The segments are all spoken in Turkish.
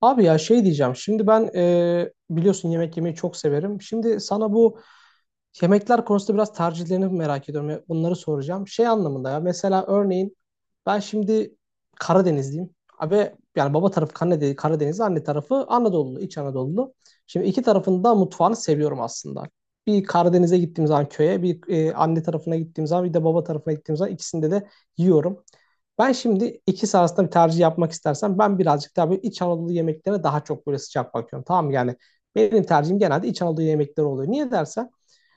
Abi ya şey diyeceğim. Şimdi ben biliyorsun yemek yemeyi çok severim. Şimdi sana bu yemekler konusunda biraz tercihlerini merak ediyorum. Bunları soracağım. Şey anlamında ya mesela örneğin ben şimdi Karadenizliyim. Abi yani baba tarafı Karadenizli, anne tarafı Anadolu, İç Anadolu. Şimdi iki tarafında mutfağını seviyorum aslında. Bir Karadeniz'e gittiğim zaman köye, bir anne tarafına gittiğim zaman, bir de baba tarafına gittiğim zaman ikisinde de yiyorum. Ben şimdi ikisi arasında bir tercih yapmak istersem ben birazcık daha böyle İç Anadolu yemeklerine daha çok böyle sıcak bakıyorum. Tamam mı? Yani benim tercihim genelde İç Anadolu yemekleri oluyor. Niye dersen?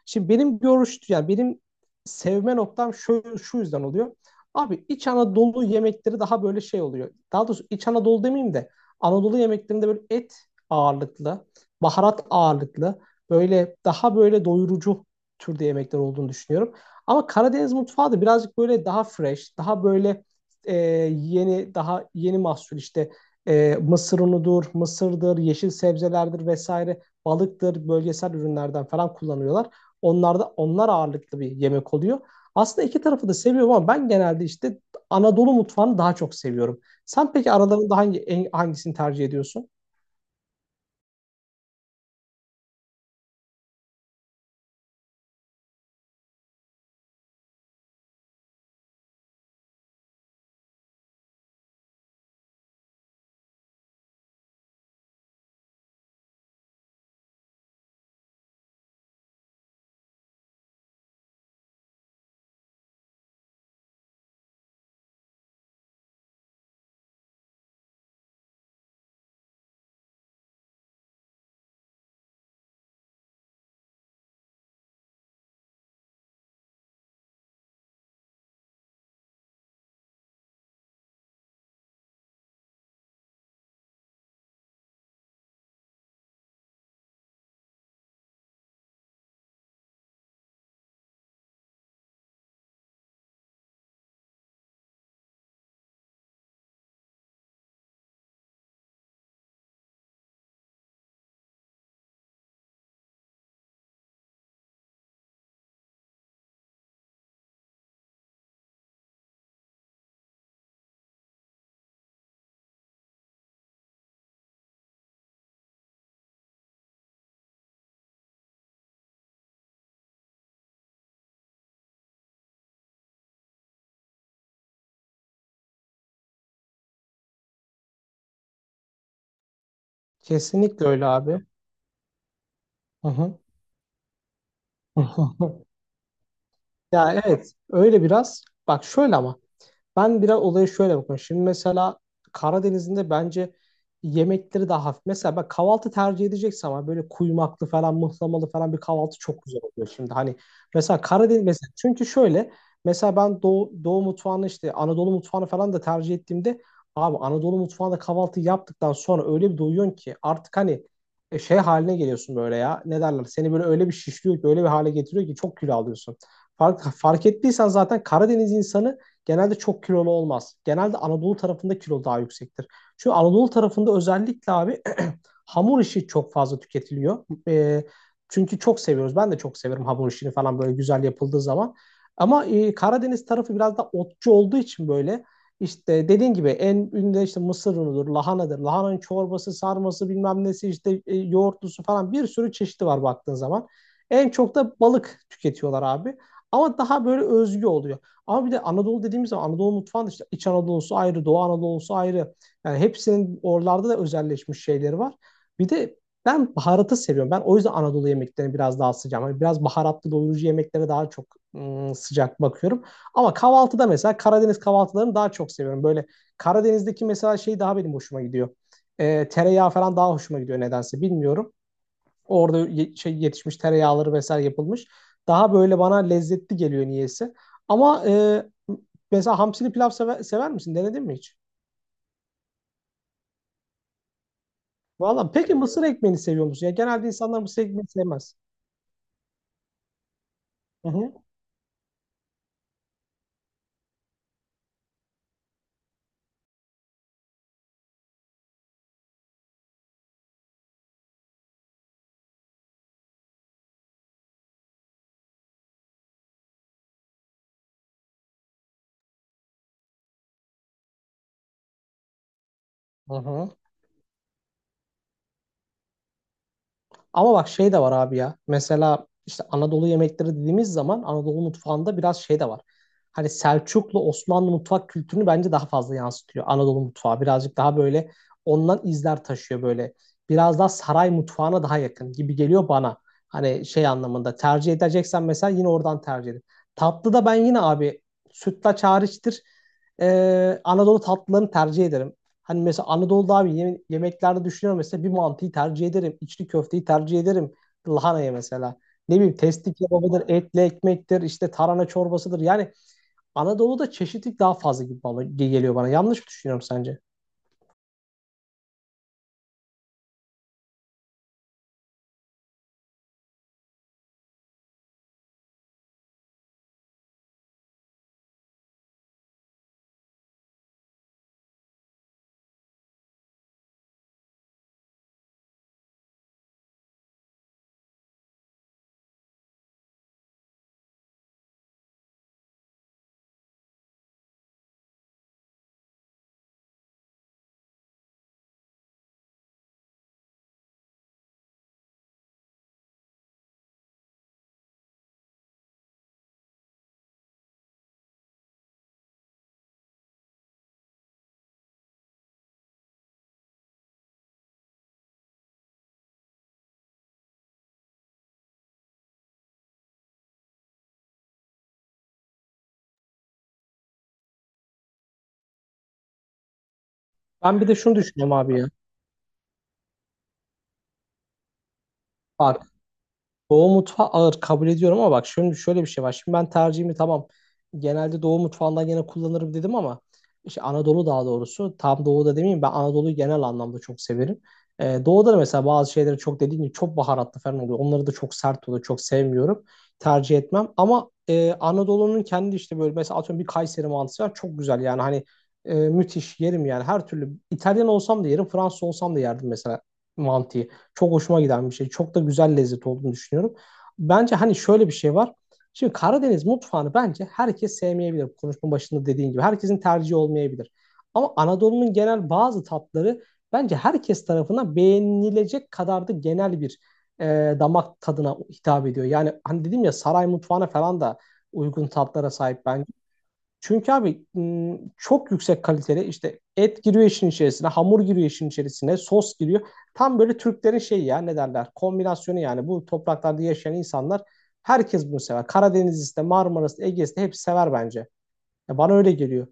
Şimdi benim görüş, yani benim sevme noktam şu, şu yüzden oluyor. Abi İç Anadolu yemekleri daha böyle şey oluyor. Daha doğrusu İç Anadolu demeyeyim de Anadolu yemeklerinde böyle et ağırlıklı, baharat ağırlıklı, böyle daha böyle doyurucu türde yemekler olduğunu düşünüyorum. Ama Karadeniz mutfağı da birazcık böyle daha fresh, daha böyle e, yeni, daha yeni mahsul işte mısır unudur, mısırdır, yeşil sebzelerdir vesaire, balıktır, bölgesel ürünlerden falan kullanıyorlar. Onlar da onlar ağırlıklı bir yemek oluyor. Aslında iki tarafı da seviyorum ama ben genelde işte Anadolu mutfağını daha çok seviyorum. Sen peki aralarında hangisini tercih ediyorsun? Kesinlikle öyle abi. Hı hı. Ya evet öyle biraz. Bak şöyle ama ben biraz olaya şöyle bakıyorum. Şimdi mesela Karadeniz'in de bence yemekleri daha hafif. Mesela ben kahvaltı tercih edecekse ama böyle kuymaklı falan, mıhlamalı falan bir kahvaltı çok güzel oluyor. Şimdi hani mesela Karadeniz mesela çünkü şöyle mesela ben Doğu mutfağını işte Anadolu mutfağını falan da tercih ettiğimde abi Anadolu mutfağında kahvaltı yaptıktan sonra öyle bir doyuyorsun ki artık hani şey haline geliyorsun böyle ya. Ne derler? Seni böyle öyle bir şişliyor ki öyle bir hale getiriyor ki çok kilo alıyorsun. Fark ettiysen zaten Karadeniz insanı genelde çok kilolu olmaz. Genelde Anadolu tarafında kilo daha yüksektir. Çünkü Anadolu tarafında özellikle abi hamur işi çok fazla tüketiliyor. Çünkü çok seviyoruz. Ben de çok severim hamur işini falan böyle güzel yapıldığı zaman. Ama Karadeniz tarafı biraz da otçu olduğu için böyle işte dediğin gibi en ünlü işte mısır unudur, lahanadır. Lahananın çorbası, sarması bilmem nesi işte yoğurtlusu falan bir sürü çeşidi var baktığın zaman. En çok da balık tüketiyorlar abi. Ama daha böyle özgü oluyor. Ama bir de Anadolu dediğimiz zaman Anadolu mutfağında işte İç Anadolu'su ayrı, Doğu Anadolu'su ayrı. Yani hepsinin oralarda da özelleşmiş şeyleri var. Bir de ben baharatı seviyorum. Ben o yüzden Anadolu yemeklerini biraz daha sıcağım. Hani biraz baharatlı doyurucu yemeklere daha çok sıcak bakıyorum. Ama kahvaltıda mesela Karadeniz kahvaltılarını daha çok seviyorum. Böyle Karadeniz'deki mesela şey daha benim hoşuma gidiyor. Tereyağı falan daha hoşuma gidiyor nedense bilmiyorum. Orada şey yetişmiş tereyağları vesaire yapılmış. Daha böyle bana lezzetli geliyor niyeyse. Ama mesela hamsili pilav sever, sever misin? Denedin mi hiç? Valla peki mısır ekmeğini seviyor musun? Ya genelde insanlar mısır ekmeğini sevmez. Hı hı. Hı hı. Ama bak şey de var abi ya. Mesela işte Anadolu yemekleri dediğimiz zaman Anadolu mutfağında biraz şey de var. Hani Selçuklu Osmanlı mutfak kültürünü bence daha fazla yansıtıyor. Anadolu mutfağı birazcık daha böyle ondan izler taşıyor böyle. Biraz daha saray mutfağına daha yakın gibi geliyor bana. Hani şey anlamında tercih edeceksen mesela yine oradan tercih edin. Tatlı da ben yine abi sütlaç hariçtir. Anadolu tatlılarını tercih ederim. Hani mesela Anadolu'da abi yemeklerde düşünüyorum mesela bir mantıyı tercih ederim. İçli köfteyi tercih ederim. Lahanayı mesela. Ne bileyim testi kebabıdır, etli ekmektir, işte tarhana çorbasıdır. Yani Anadolu'da çeşitlilik daha fazla gibi geliyor bana. Yanlış mı düşünüyorum sence? Ben bir de şunu düşünüyorum abi ya. Bak Doğu mutfağı ağır kabul ediyorum ama bak şimdi şöyle bir şey var. Şimdi ben tercihimi tamam genelde Doğu mutfağından gene kullanırım dedim ama işte Anadolu daha doğrusu tam Doğu'da demeyeyim ben Anadolu'yu genel anlamda çok severim. Doğu'da da mesela bazı şeyleri çok dediğim gibi çok baharatlı falan oluyor. Onları da çok sert oluyor. Çok sevmiyorum. Tercih etmem. Ama Anadolu'nun kendi işte böyle mesela atıyorum bir Kayseri mantısı var. Çok güzel yani hani müthiş yerim yani her türlü İtalyan olsam da yerim Fransız olsam da yerdim mesela mantıyı. Çok hoşuma giden bir şey. Çok da güzel lezzet olduğunu düşünüyorum. Bence hani şöyle bir şey var. Şimdi Karadeniz mutfağını bence herkes sevmeyebilir. Konuşmanın başında dediğin gibi. Herkesin tercihi olmayabilir. Ama Anadolu'nun genel bazı tatları bence herkes tarafından beğenilecek kadar da genel bir e, damak tadına hitap ediyor. Yani hani dedim ya saray mutfağına falan da uygun tatlara sahip bence. Çünkü abi çok yüksek kaliteli işte et giriyor işin içerisine, hamur giriyor işin içerisine, sos giriyor. Tam böyle Türklerin şeyi ya ne derler kombinasyonu yani bu topraklarda yaşayan insanlar herkes bunu sever. Karadenizlisi de Marmara'sı da Ege'si de hepsi sever bence. Ya bana öyle geliyor.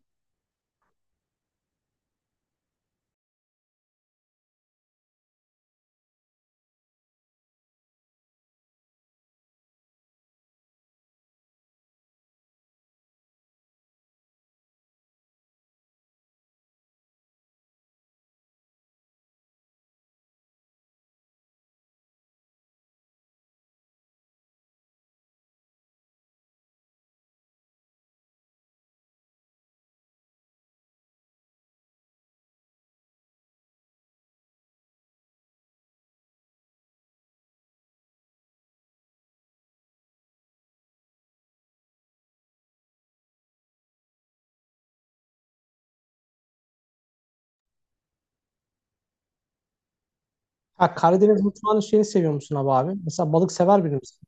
Ha, Karadeniz mutfağının şeyini seviyor musun abi? Mesela balık sever biri misin?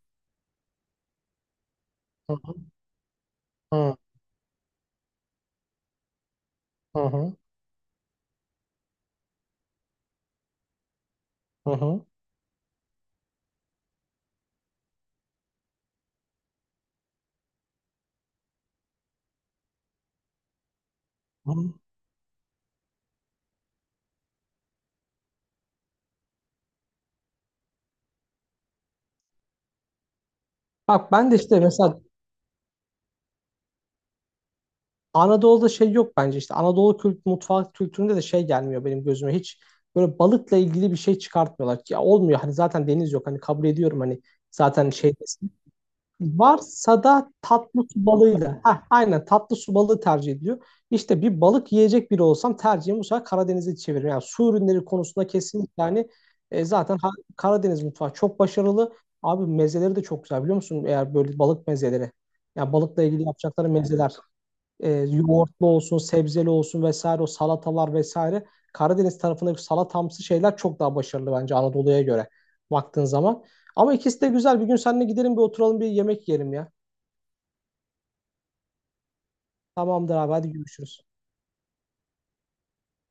Hı hı. Hı hı. Hı hı. Hı hı. Bak ben de işte mesela Anadolu'da şey yok bence işte Anadolu kült mutfak kültüründe de şey gelmiyor benim gözüme hiç böyle balıkla ilgili bir şey çıkartmıyorlar ki ya olmuyor hani zaten deniz yok hani kabul ediyorum hani zaten şey varsa da tatlı su balığıyla ha aynen tatlı su balığı tercih ediliyor. İşte bir balık yiyecek biri olsam tercihim bu sefer Karadeniz'e çeviririm. Yani su ürünleri konusunda kesinlikle hani e, zaten ha- Karadeniz mutfağı çok başarılı. Abi mezeleri de çok güzel biliyor musun? Eğer böyle balık mezeleri. Yani balıkla ilgili yapacakları mezeler yoğurtlu olsun, sebzeli olsun vesaire o salatalar vesaire. Karadeniz tarafındaki salatamsı şeyler çok daha başarılı bence Anadolu'ya göre baktığın zaman. Ama ikisi de güzel. Bir gün seninle gidelim bir oturalım bir yemek yiyelim ya. Tamamdır abi hadi görüşürüz.